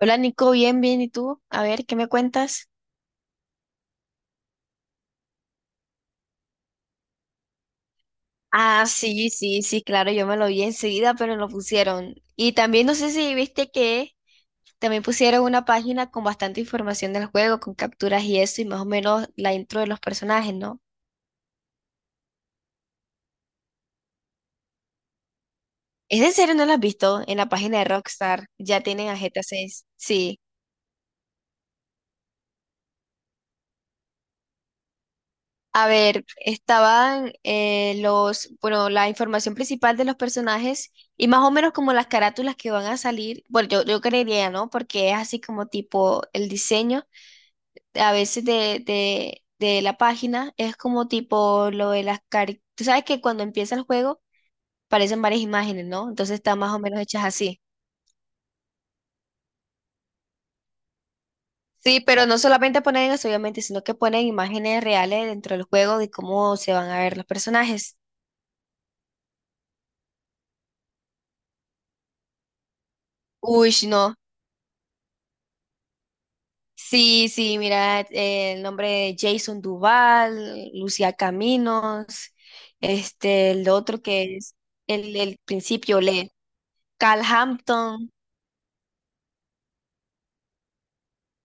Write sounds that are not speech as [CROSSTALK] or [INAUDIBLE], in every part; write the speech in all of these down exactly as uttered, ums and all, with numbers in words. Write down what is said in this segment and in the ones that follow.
Hola Nico, bien, bien, ¿y tú? A ver, ¿qué me cuentas? Ah, sí, sí, sí, claro, yo me lo vi enseguida, pero lo pusieron. Y también no sé si viste que también pusieron una página con bastante información del juego, con capturas y eso, y más o menos la intro de los personajes, ¿no? ¿Es en serio no la has visto? En la página de Rockstar ya tienen a G T A seis. Sí. A ver, estaban eh, los, bueno, la información principal de los personajes y más o menos como las carátulas que van a salir. Bueno, yo, yo creería, ¿no? Porque es así como tipo el diseño a veces de, de, de la página es como tipo lo de las caricaturas. Tú sabes que cuando empieza el juego aparecen varias imágenes, ¿no? Entonces están más o menos hechas así. Sí, pero no solamente ponen eso, obviamente, sino que ponen imágenes reales dentro del juego de cómo se van a ver los personajes. Uy, no. Sí, sí, mira, eh, el nombre de Jason Duval, Lucía Caminos, este, el otro que es el, el principio, le, Cal Hampton,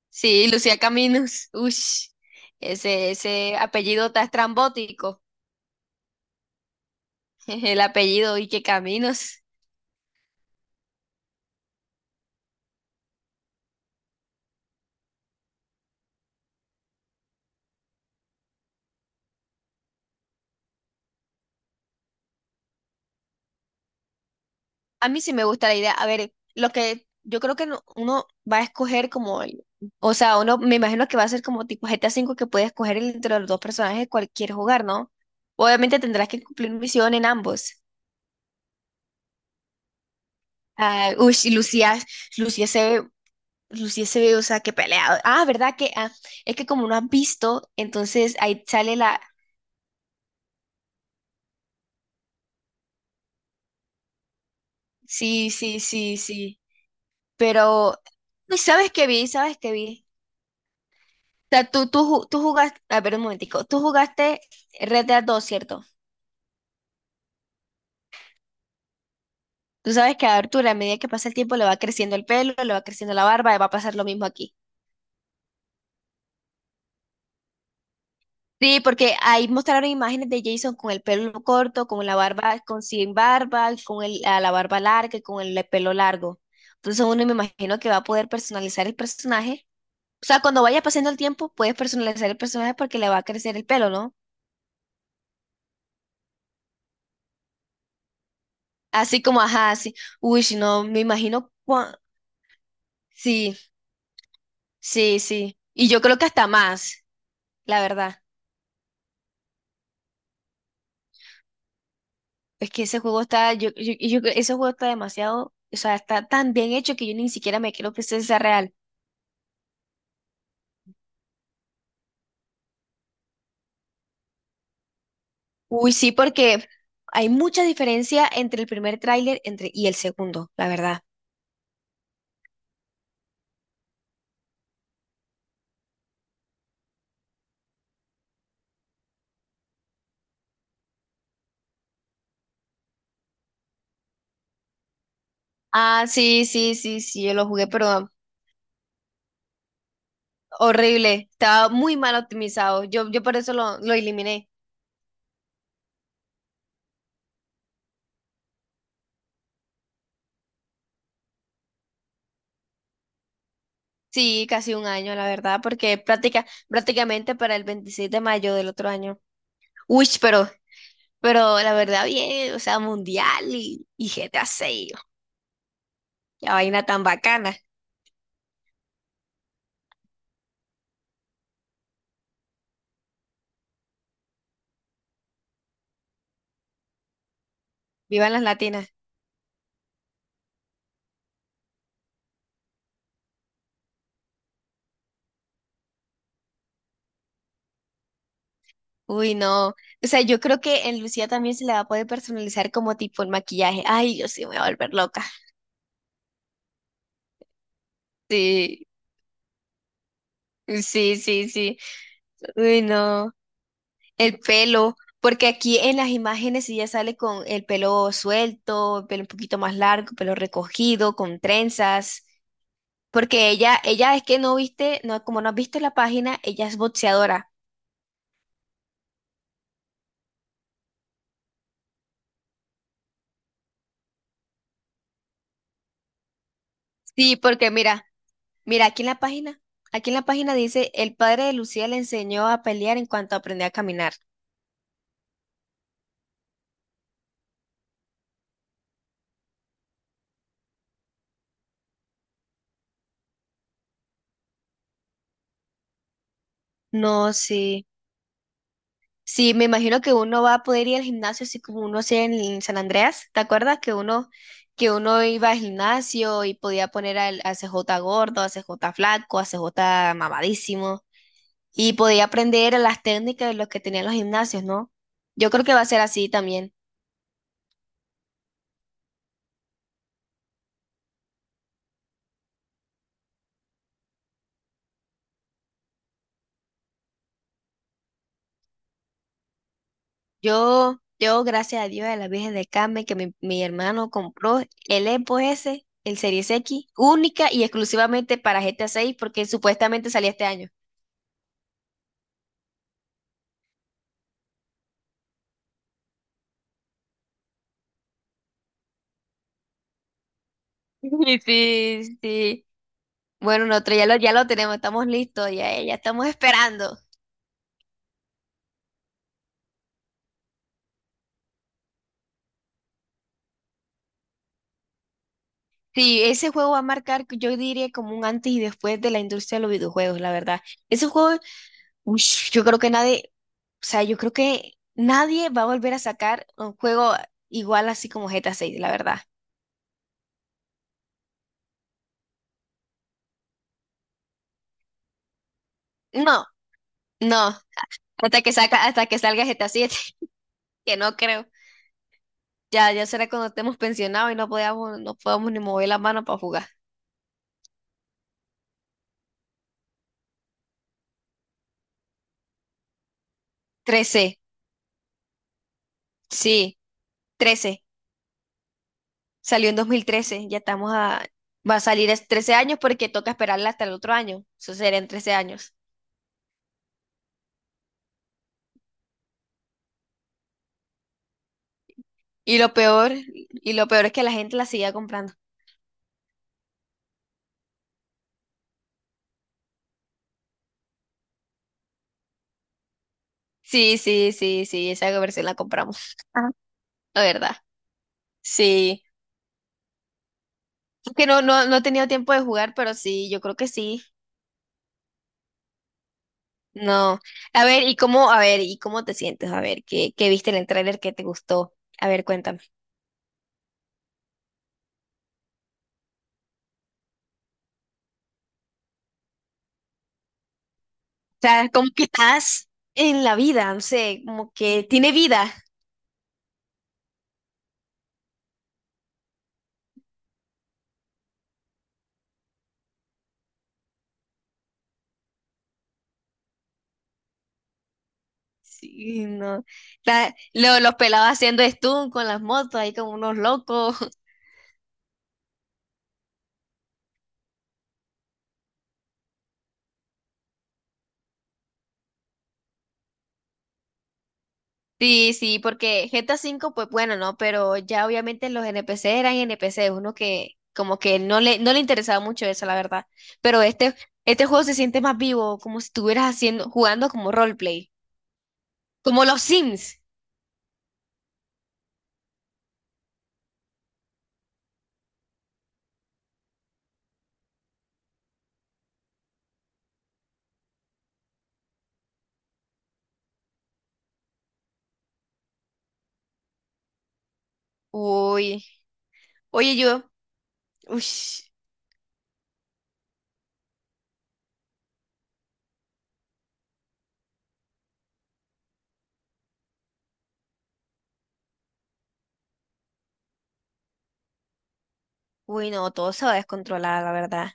sí, Lucía Caminos, ush, ese, ese apellido está estrambótico, [LAUGHS] el apellido y que Caminos. A mí sí me gusta la idea. A ver, lo que yo creo que no- uno va a escoger como el, o sea, uno me imagino que va a ser como tipo G T A cinco que puede escoger el- entre los dos personajes cualquier jugar, ¿no? Obviamente tendrás que cumplir misión en ambos. Ah, uy, sí, Lucía, Lucía se ve, Lucía se ve, o sea, que pelea. Ah, ¿verdad? Que ah, es que como no has visto, entonces ahí sale la. Sí, sí, sí, sí. Pero, uy, ¿sabes qué vi? ¿Sabes qué vi? Sea, tú, tú, ju- tú jugaste, a ver un momentico, tú jugaste Red Dead dos, ¿cierto? Tú sabes que a Arturo, a medida que pasa el tiempo, le va creciendo el pelo, le va creciendo la barba, y va a pasar lo mismo aquí. Sí, porque ahí mostraron imágenes de Jason con el pelo corto, con la barba, con sin barba, con el, a la barba larga y con el pelo largo. Entonces uno me imagino que va a poder personalizar el personaje. O sea, cuando vaya pasando el tiempo, puedes personalizar el personaje porque le va a crecer el pelo, ¿no? Así como, ajá, así. Uy, si no, me imagino. cua- Sí. Sí, sí. Y yo creo que hasta más, la verdad. Es que ese juego está, yo, yo, yo- Ese juego está demasiado, o sea, está tan bien hecho que yo ni siquiera me creo que ese sea real. Uy, sí, porque hay mucha diferencia entre el primer tráiler entre, y el segundo, la verdad. Ah, sí, sí, sí, sí, yo lo jugué, pero horrible. Estaba muy mal optimizado. Yo, yo por eso lo, lo eliminé. Sí, casi un año, la verdad, porque práctica, prácticamente para el veintiséis de mayo del otro año. Uy, pero Pero la verdad, bien, o sea, mundial y, y G T A seis, la vaina tan bacana. Vivan las latinas. Uy, no. O sea, yo creo que en Lucía también se le va a poder personalizar como tipo el maquillaje. Ay, yo sí me voy a volver loca. Sí, sí, sí, sí. Uy, no. El pelo, porque aquí en las imágenes ella sale con el pelo suelto, el pelo un poquito más largo, pelo recogido, con trenzas. Porque ella, ella es que no viste, no, como no has visto la página, ella es boxeadora. Sí, porque mira, mira, aquí en la página, aquí en la página dice, el padre de Lucía le enseñó a pelear en cuanto aprendió a caminar. No, sí. Sí, me imagino que uno va a poder ir al gimnasio así como uno hacía en San Andreas. ¿Te acuerdas que uno, que uno iba al gimnasio y podía poner al, al C J gordo, al C J flaco, al C J mamadísimo? Y podía aprender las técnicas de los que tenían los gimnasios, ¿no? Yo creo que va a ser así también. Yo, yo, gracias a Dios, a la Virgen de Carmen, que mi, mi hermano compró el Epo S, el Series X, única y exclusivamente para G T A seis, porque supuestamente salía este año. [LAUGHS] Sí, sí. Bueno, nosotros ya lo, ya lo tenemos, estamos listos, ya, eh, ya estamos esperando. Sí, ese juego va a marcar, yo diría, como un antes y después de la industria de los videojuegos, la verdad. Ese juego, ush, yo creo que nadie, o sea, yo creo que nadie va a volver a sacar un juego igual así como G T A seis, la verdad. No, no, hasta que saca, hasta que salga G T A siete, [LAUGHS] que no creo. Ya, ya será cuando estemos pensionados y no podamos, no podamos ni mover la mano para jugar. Trece, sí, trece. Salió en dos mil trece. Ya estamos a... Va a salir es trece años porque toca esperarla hasta el otro año. Eso será en trece años. Y lo peor, y lo peor es que la gente la sigue comprando. Sí, sí, sí, sí, esa versión la compramos. Ajá. La verdad. Sí. Es que no, no, no he tenido tiempo de jugar, pero sí, yo creo que sí. No. A ver, ¿y cómo, a ver, ¿y cómo te sientes? A ver, ¿qué, qué viste en el tráiler que te gustó? A ver, cuéntame. O sea, como que estás en la vida, no sé, como que tiene vida. Sí, no. Está- lo- los pelados haciendo stunt con las motos, ahí como unos locos. [LAUGHS] Sí, sí, porque G T A cinco pues bueno, ¿no? Pero ya obviamente los N P C eran N P C, uno que como que no le, no le interesaba mucho eso, la verdad. Pero este, este juego se siente más vivo, como si estuvieras haciendo, jugando como roleplay. Como los Sims. Uy. Oye, yo. Uy. Uy, no, todo se va a descontrolar, la verdad.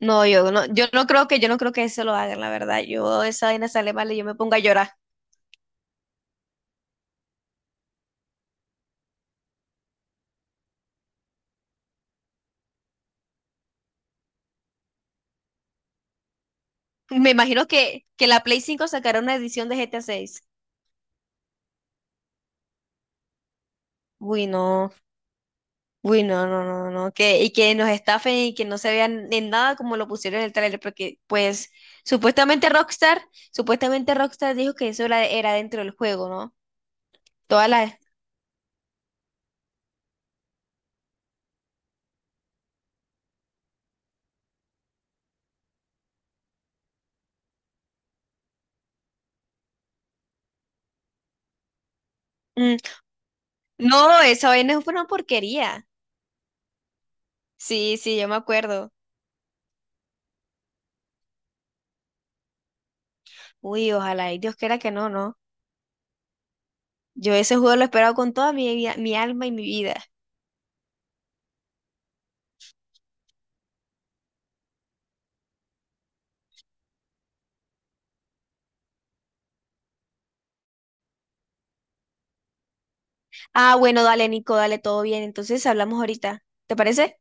No, yo no, yo no creo que, yo no creo que eso lo hagan, la verdad. Yo esa vaina sale mal y yo me pongo a llorar. [LAUGHS] Me imagino que, que la Play cinco sacará una edición de G T A seis. Uy, no. Uy, no, no, no, no. Que, y que nos estafen y que no se vean en nada como lo pusieron en el trailer, porque pues supuestamente Rockstar, supuestamente Rockstar dijo que eso era, era dentro del juego, ¿no? Todas las, No, esa vaina fue una porquería. Sí, sí, yo me acuerdo. Uy, ojalá, y Dios quiera que no, ¿no? Yo ese juego lo he esperado con toda mi vida- mi alma y mi vida. Ah, bueno, dale, Nico, dale, todo bien. Entonces hablamos ahorita. ¿Te parece?